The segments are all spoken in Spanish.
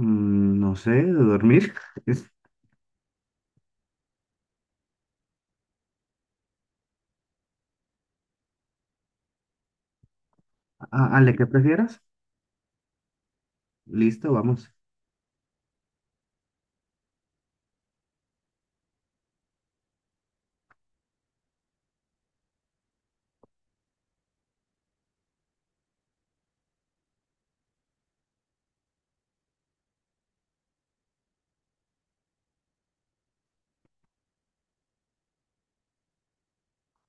No sé, de dormir. Es, ¿Qué prefieras? Listo, vamos.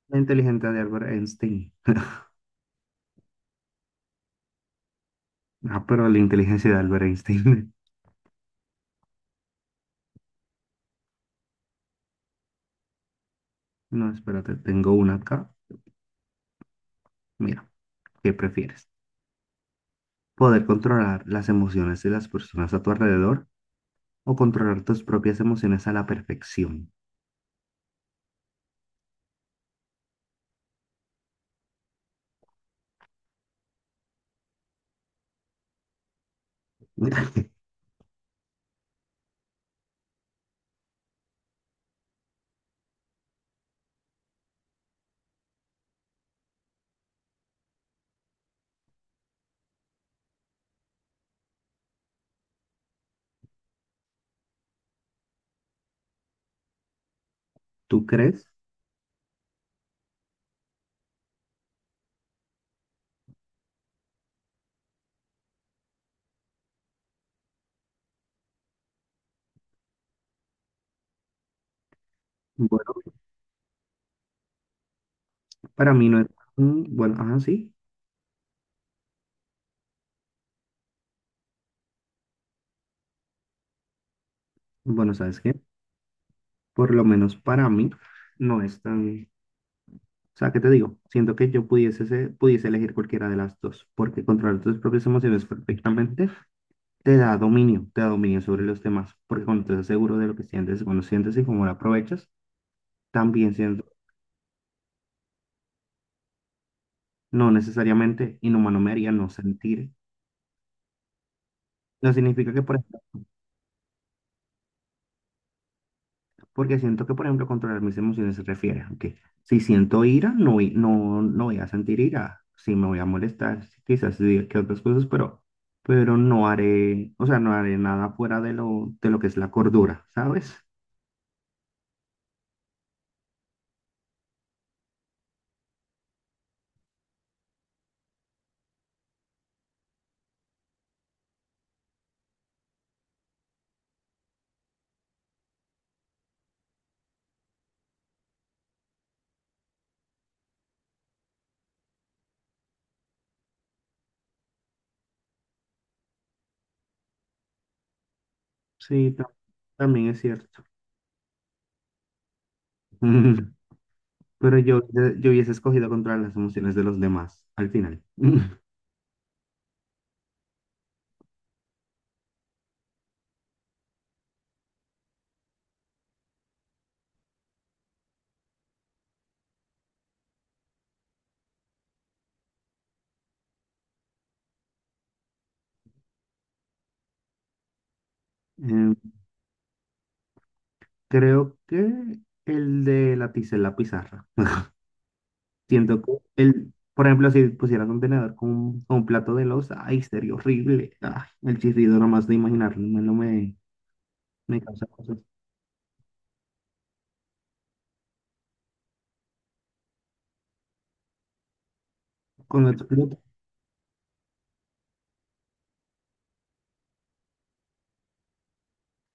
La inteligencia de Albert Einstein. Ah, pero la inteligencia de Albert Einstein. No, espérate, tengo una acá. Mira, ¿qué prefieres? ¿Poder controlar las emociones de las personas a tu alrededor o controlar tus propias emociones a la perfección? ¿Tú crees? Bueno, para mí no es tan... Bueno, ajá, sí. Bueno, ¿sabes qué? Por lo menos para mí no es tan. O sea, ¿qué te digo? Siento que yo pudiese, pudiese elegir cualquiera de las dos, porque controlar tus propias emociones perfectamente te da dominio sobre los demás, porque cuando estás seguro de lo que sientes, cuando sientes y cómo lo aprovechas, también siento, no necesariamente inhumano me haría no sentir. No significa que, por. Porque siento que, por ejemplo, controlar mis emociones se refiere a que si siento ira, no, no, no voy a sentir ira. Sí me voy a molestar, sí, quizás diga que otras cosas, pero no haré, o sea, no haré nada fuera de lo que es la cordura, ¿sabes? Sí, también es cierto. Pero yo, yo hubiese escogido controlar las emociones de los demás al final. Em, creo que el de la tiza en la pizarra. Siento que el, por ejemplo, si pusieras un tenedor con un plato de loza, ay, sería horrible. Ay, el chirrido nomás de imaginarlo, no no me, me causa cosas. Cuando explota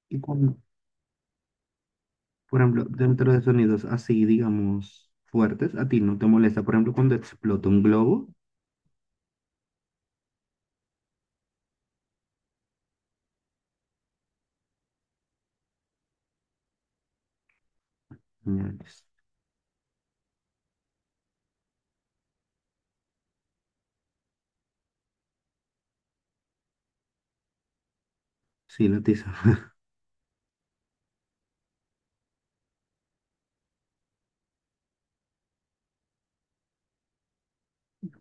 y cuando, por ejemplo, dentro de sonidos así, digamos, fuertes, a ti no te molesta, por ejemplo, cuando explota un globo. Señales. Sí, la tiza.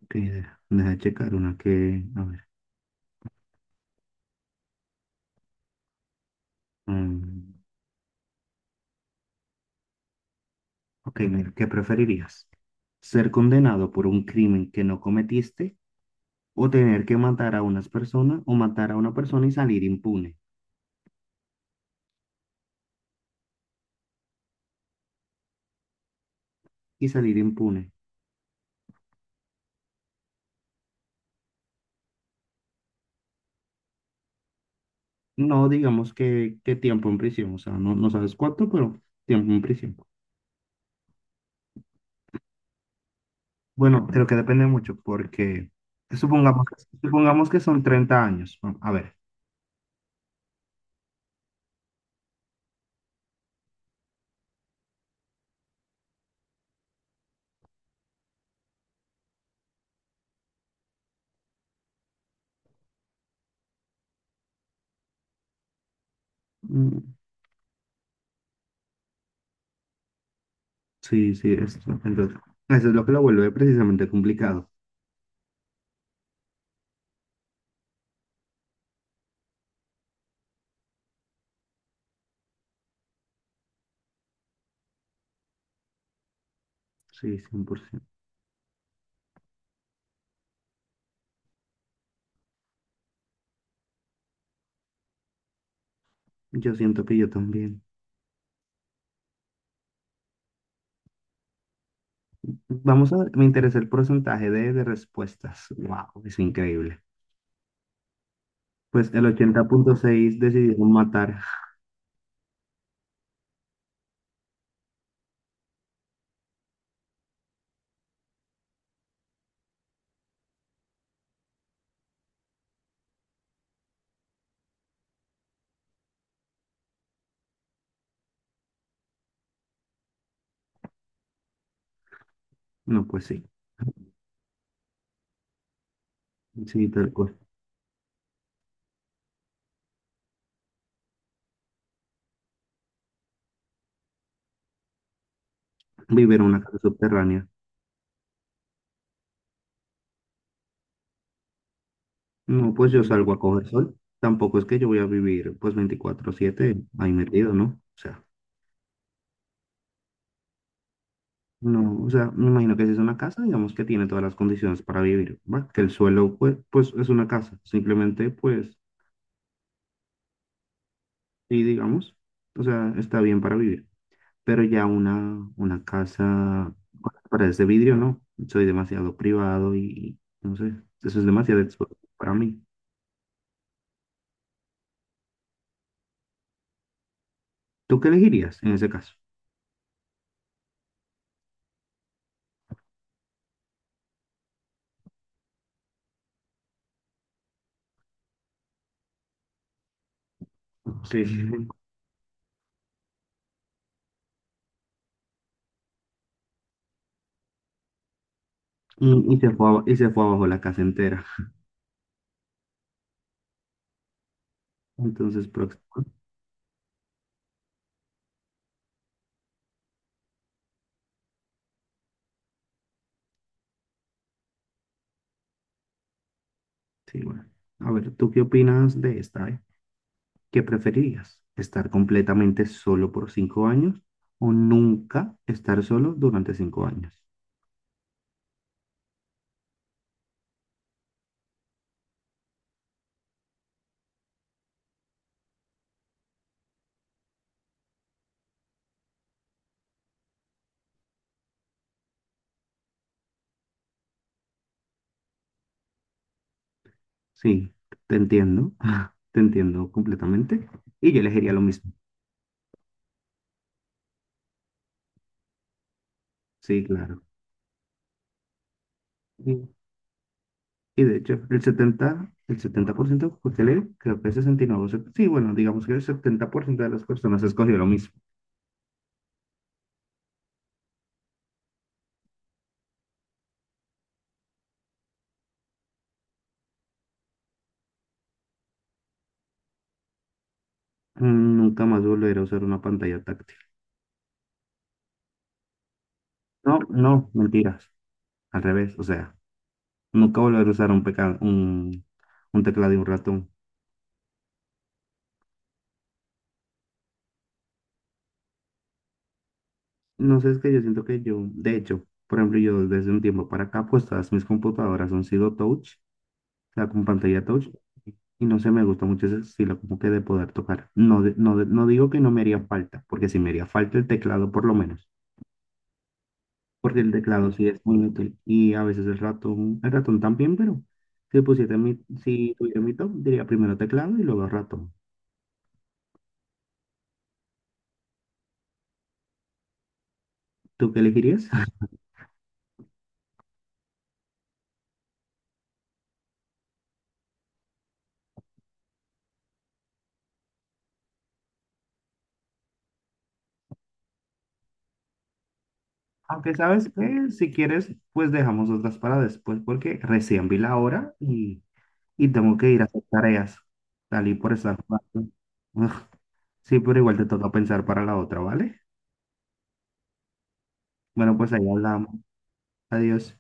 Ok, deja checar una que, a ver. mm, ok, mira, ¿qué preferirías? ¿Ser condenado por un crimen que no cometiste? ¿O tener que matar a unas personas o matar a una persona y salir impune? Y salir impune. No digamos que tiempo en prisión, o sea, no, no sabes cuánto, pero tiempo en prisión. Bueno, creo que depende mucho porque supongamos, supongamos que son 30 años. Bueno, a ver. Mm. Sí, sí, eso, entonces, eso es lo que lo vuelve precisamente complicado. Sí, 100%. Yo siento que yo también. Vamos a ver, me interesa el porcentaje de respuestas. Wow, es increíble. Pues el 80.6 decidieron matar. No, pues sí, sí, tal cual. Vivir en una casa subterránea. No, pues yo salgo a coger sol. Tampoco es que yo voy a vivir pues 24/7 ahí metido, ¿no? O sea, no, o sea, me imagino que si es una casa, digamos que tiene todas las condiciones para vivir, ¿va? Que el suelo pues, pues es una casa, simplemente pues, y digamos, o sea, está bien para vivir. Pero ya una casa con las paredes de vidrio, no. Soy demasiado privado y no sé, eso es demasiado expuesto para mí. ¿Tú qué elegirías en ese caso? Sí, sí, sí. Y se fue, y se fue abajo la casa entera. Entonces, próximo. Sí, bueno. A ver, ¿tú qué opinas de esta, eh? ¿Qué preferirías? ¿Estar completamente solo por 5 años o nunca estar solo durante 5 años? Sí, te entiendo. Te entiendo completamente. Y yo elegiría lo mismo. Sí, claro. Y, y de hecho, el setenta por ciento que usted lee, creo que el 69%, sí, bueno, digamos que el 70% de las personas escogió lo mismo. Mm. Nunca más volveré a usar una pantalla táctil. No, no, mentiras. Al revés, o sea, nunca volveré a usar un, un teclado y un ratón. No sé, es que yo siento que yo, de hecho, por ejemplo, yo desde un tiempo para acá, pues todas mis computadoras han sido touch. Sea, con pantalla touch. Y no sé, me gusta mucho ese estilo como que de poder tocar. No, no, no digo que no me haría falta, porque sí me haría falta el teclado por lo menos, porque el teclado sí es muy útil y a veces el ratón también, pero si pusiera mi, si tuviera mi top, diría primero teclado y luego ratón. ¿Tú qué elegirías? Aunque sabes que si quieres, pues dejamos otras para después, porque recién vi la hora y tengo que ir a hacer tareas. Salí por estar jugando. Sí, pero igual te toca pensar para la otra, ¿vale? Bueno, pues ahí hablamos. Adiós.